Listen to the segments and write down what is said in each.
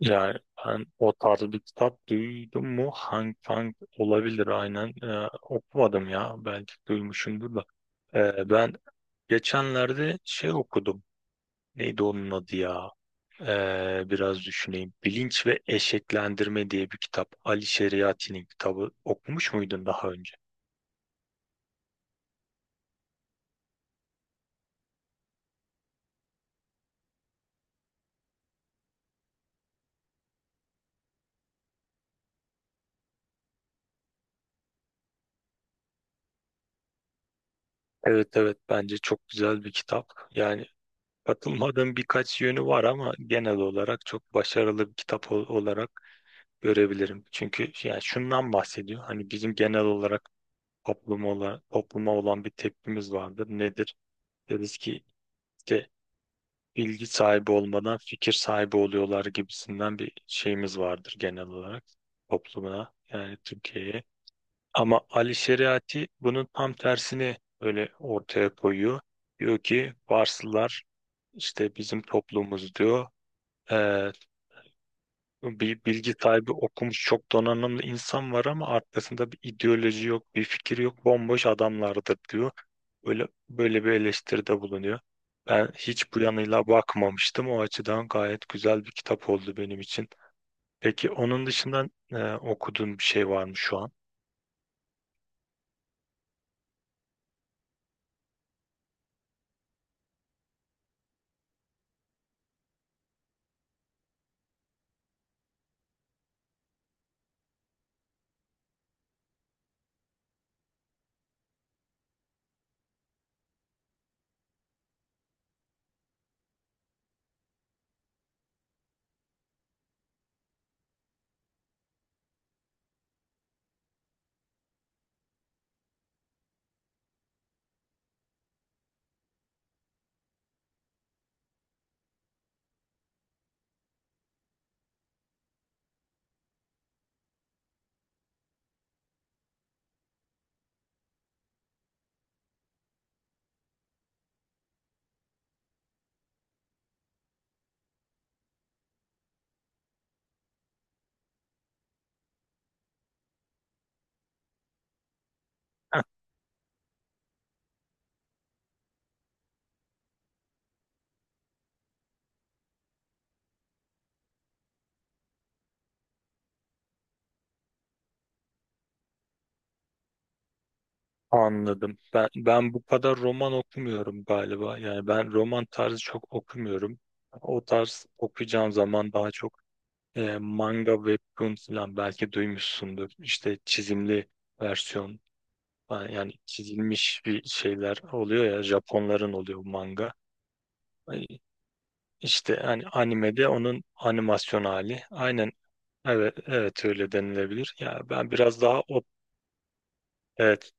Yani ben o tarz bir kitap duydum mu? Hang Kang olabilir aynen. Okumadım ya. Belki duymuşumdur da. Ben geçenlerde şey okudum. Neydi onun adı ya? Biraz düşüneyim. Bilinç ve Eşeklendirme diye bir kitap. Ali Şeriati'nin kitabı. Okumuş muydun daha önce? Evet evet, bence çok güzel bir kitap. Yani katılmadığım birkaç yönü var ama genel olarak çok başarılı bir kitap olarak görebilirim. Çünkü yani şundan bahsediyor. Hani bizim genel olarak topluma olan bir tepkimiz vardır. Nedir? Deriz ki işte bilgi sahibi olmadan fikir sahibi oluyorlar gibisinden bir şeyimiz vardır genel olarak toplumuna yani Türkiye'ye. Ama Ali Şeriati bunun tam tersini öyle ortaya koyuyor. Diyor ki Farslılar işte bizim toplumumuz diyor. Bir bilgi sahibi okumuş çok donanımlı insan var ama arkasında bir ideoloji yok, bir fikir yok, bomboş adamlardır diyor. Böyle böyle bir eleştiride bulunuyor. Ben hiç bu yanıyla bakmamıştım. O açıdan gayet güzel bir kitap oldu benim için. Peki onun dışında okuduğun bir şey var mı şu an? Heh, anladım. Ben bu kadar roman okumuyorum galiba. Yani ben roman tarzı çok okumuyorum. O tarz okuyacağım zaman daha çok manga webtoon falan belki duymuşsundur. İşte çizimli versiyon falan, yani çizilmiş bir şeyler oluyor ya, Japonların oluyor bu manga. Ay, İşte hani animede onun animasyon hali. Aynen evet evet, öyle denilebilir. Ya ben biraz daha o evet.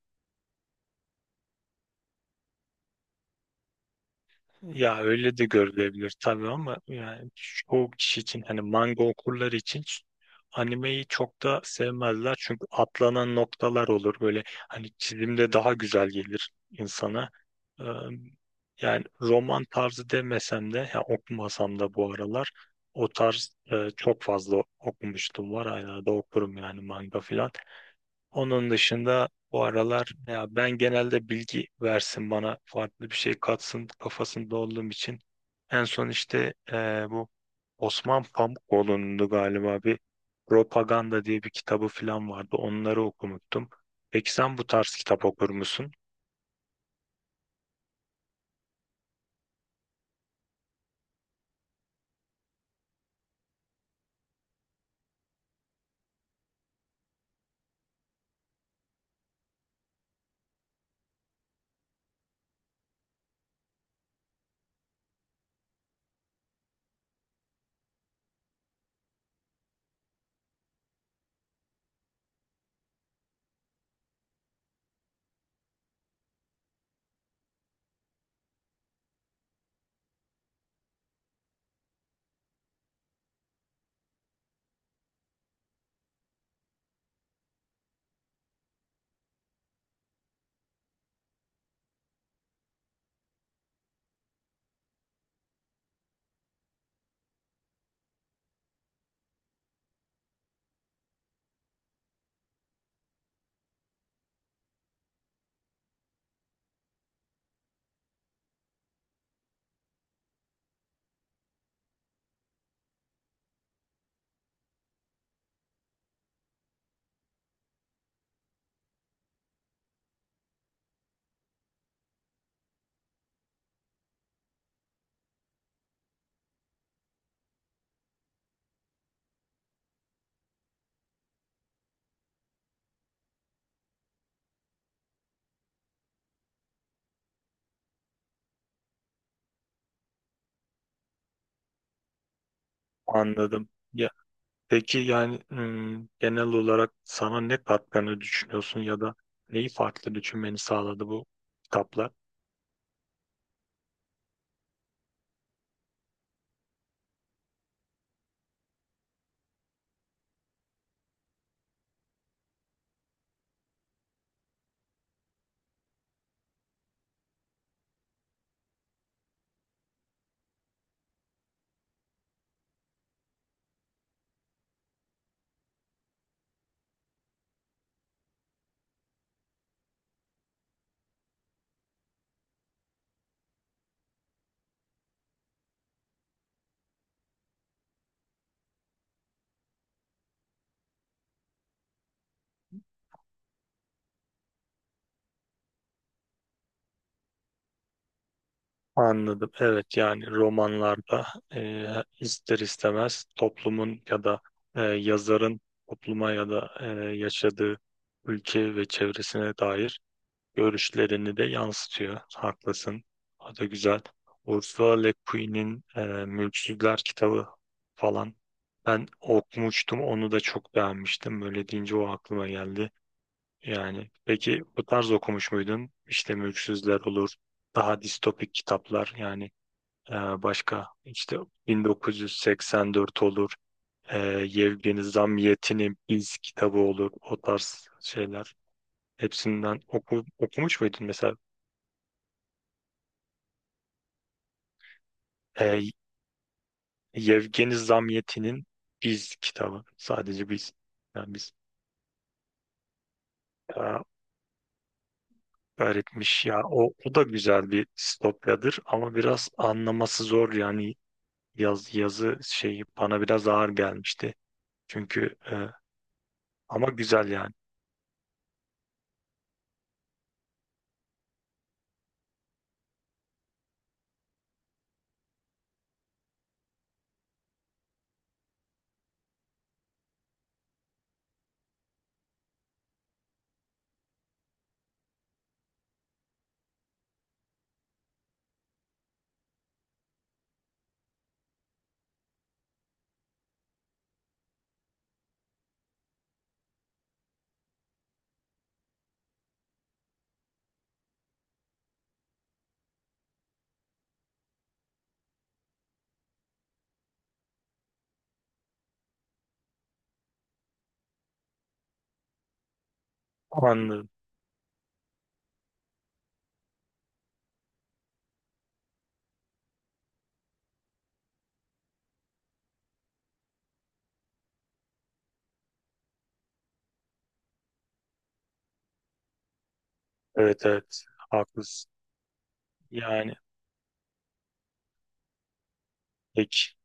Ya öyle de görülebilir tabii ama yani çoğu kişi için hani manga okurları için animeyi çok da sevmezler. Çünkü atlanan noktalar olur böyle, hani çizimde daha güzel gelir insana. Ee, Yani roman tarzı demesem de ya okumasam da bu aralar o tarz çok fazla okumuştum, var hala da okurum yani manga filan. Onun dışında bu aralar ya ben genelde bilgi versin bana farklı bir şey katsın kafasında olduğum için. En son işte bu Osman Pamukoğlu'nun da galiba bir Propaganda diye bir kitabı falan vardı. Onları okumuştum. Peki sen bu tarz kitap okur musun? Anladım. Ya, peki yani hmm, genel olarak sana ne katkını düşünüyorsun ya da neyi farklı düşünmeni sağladı bu kitaplar? Anladım. Evet, yani romanlarda e, ister istemez toplumun ya da yazarın topluma ya da yaşadığı ülke ve çevresine dair görüşlerini de yansıtıyor. Haklısın. O da güzel. Ursula Le Guin'in Mülksüzler kitabı falan ben okumuştum. Onu da çok beğenmiştim. Böyle deyince o aklıma geldi. Yani peki bu tarz okumuş muydun? İşte Mülksüzler olur. Daha distopik kitaplar yani, ee, başka işte 1984 olur. Ee, Yevgeni Zamyatin'in İz kitabı olur. O tarz şeyler. Hepsinden okumuş muydun mesela? Ee, Yevgeni Zamyatin'in İz kitabı. Sadece biz. Yani biz ya, öğretmiş ya. O, o da güzel bir distopyadır ama biraz anlaması zor yani yazı şeyi bana biraz ağır gelmişti. Çünkü ama güzel yani. Anladım. Evet evet, haklısın. Yani pek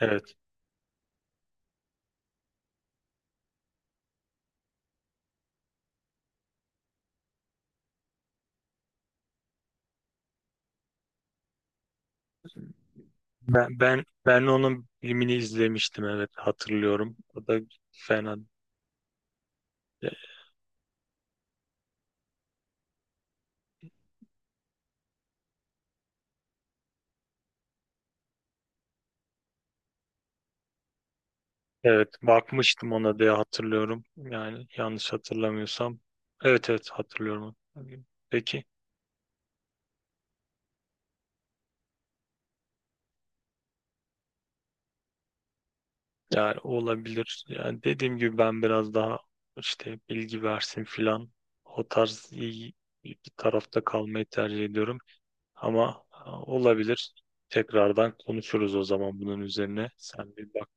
evet. Ben onun filmini izlemiştim, evet hatırlıyorum. O da fena. Evet bakmıştım ona diye hatırlıyorum. Yani yanlış hatırlamıyorsam. Evet evet, hatırlıyorum. Peki yani olabilir. Yani dediğim gibi ben biraz daha işte bilgi versin filan, o tarz iyi bir tarafta kalmayı tercih ediyorum. Ama ha, olabilir. Tekrardan konuşuruz o zaman bunun üzerine. Sen bir bak.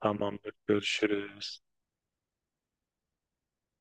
Tamamdır. Görüşürüz.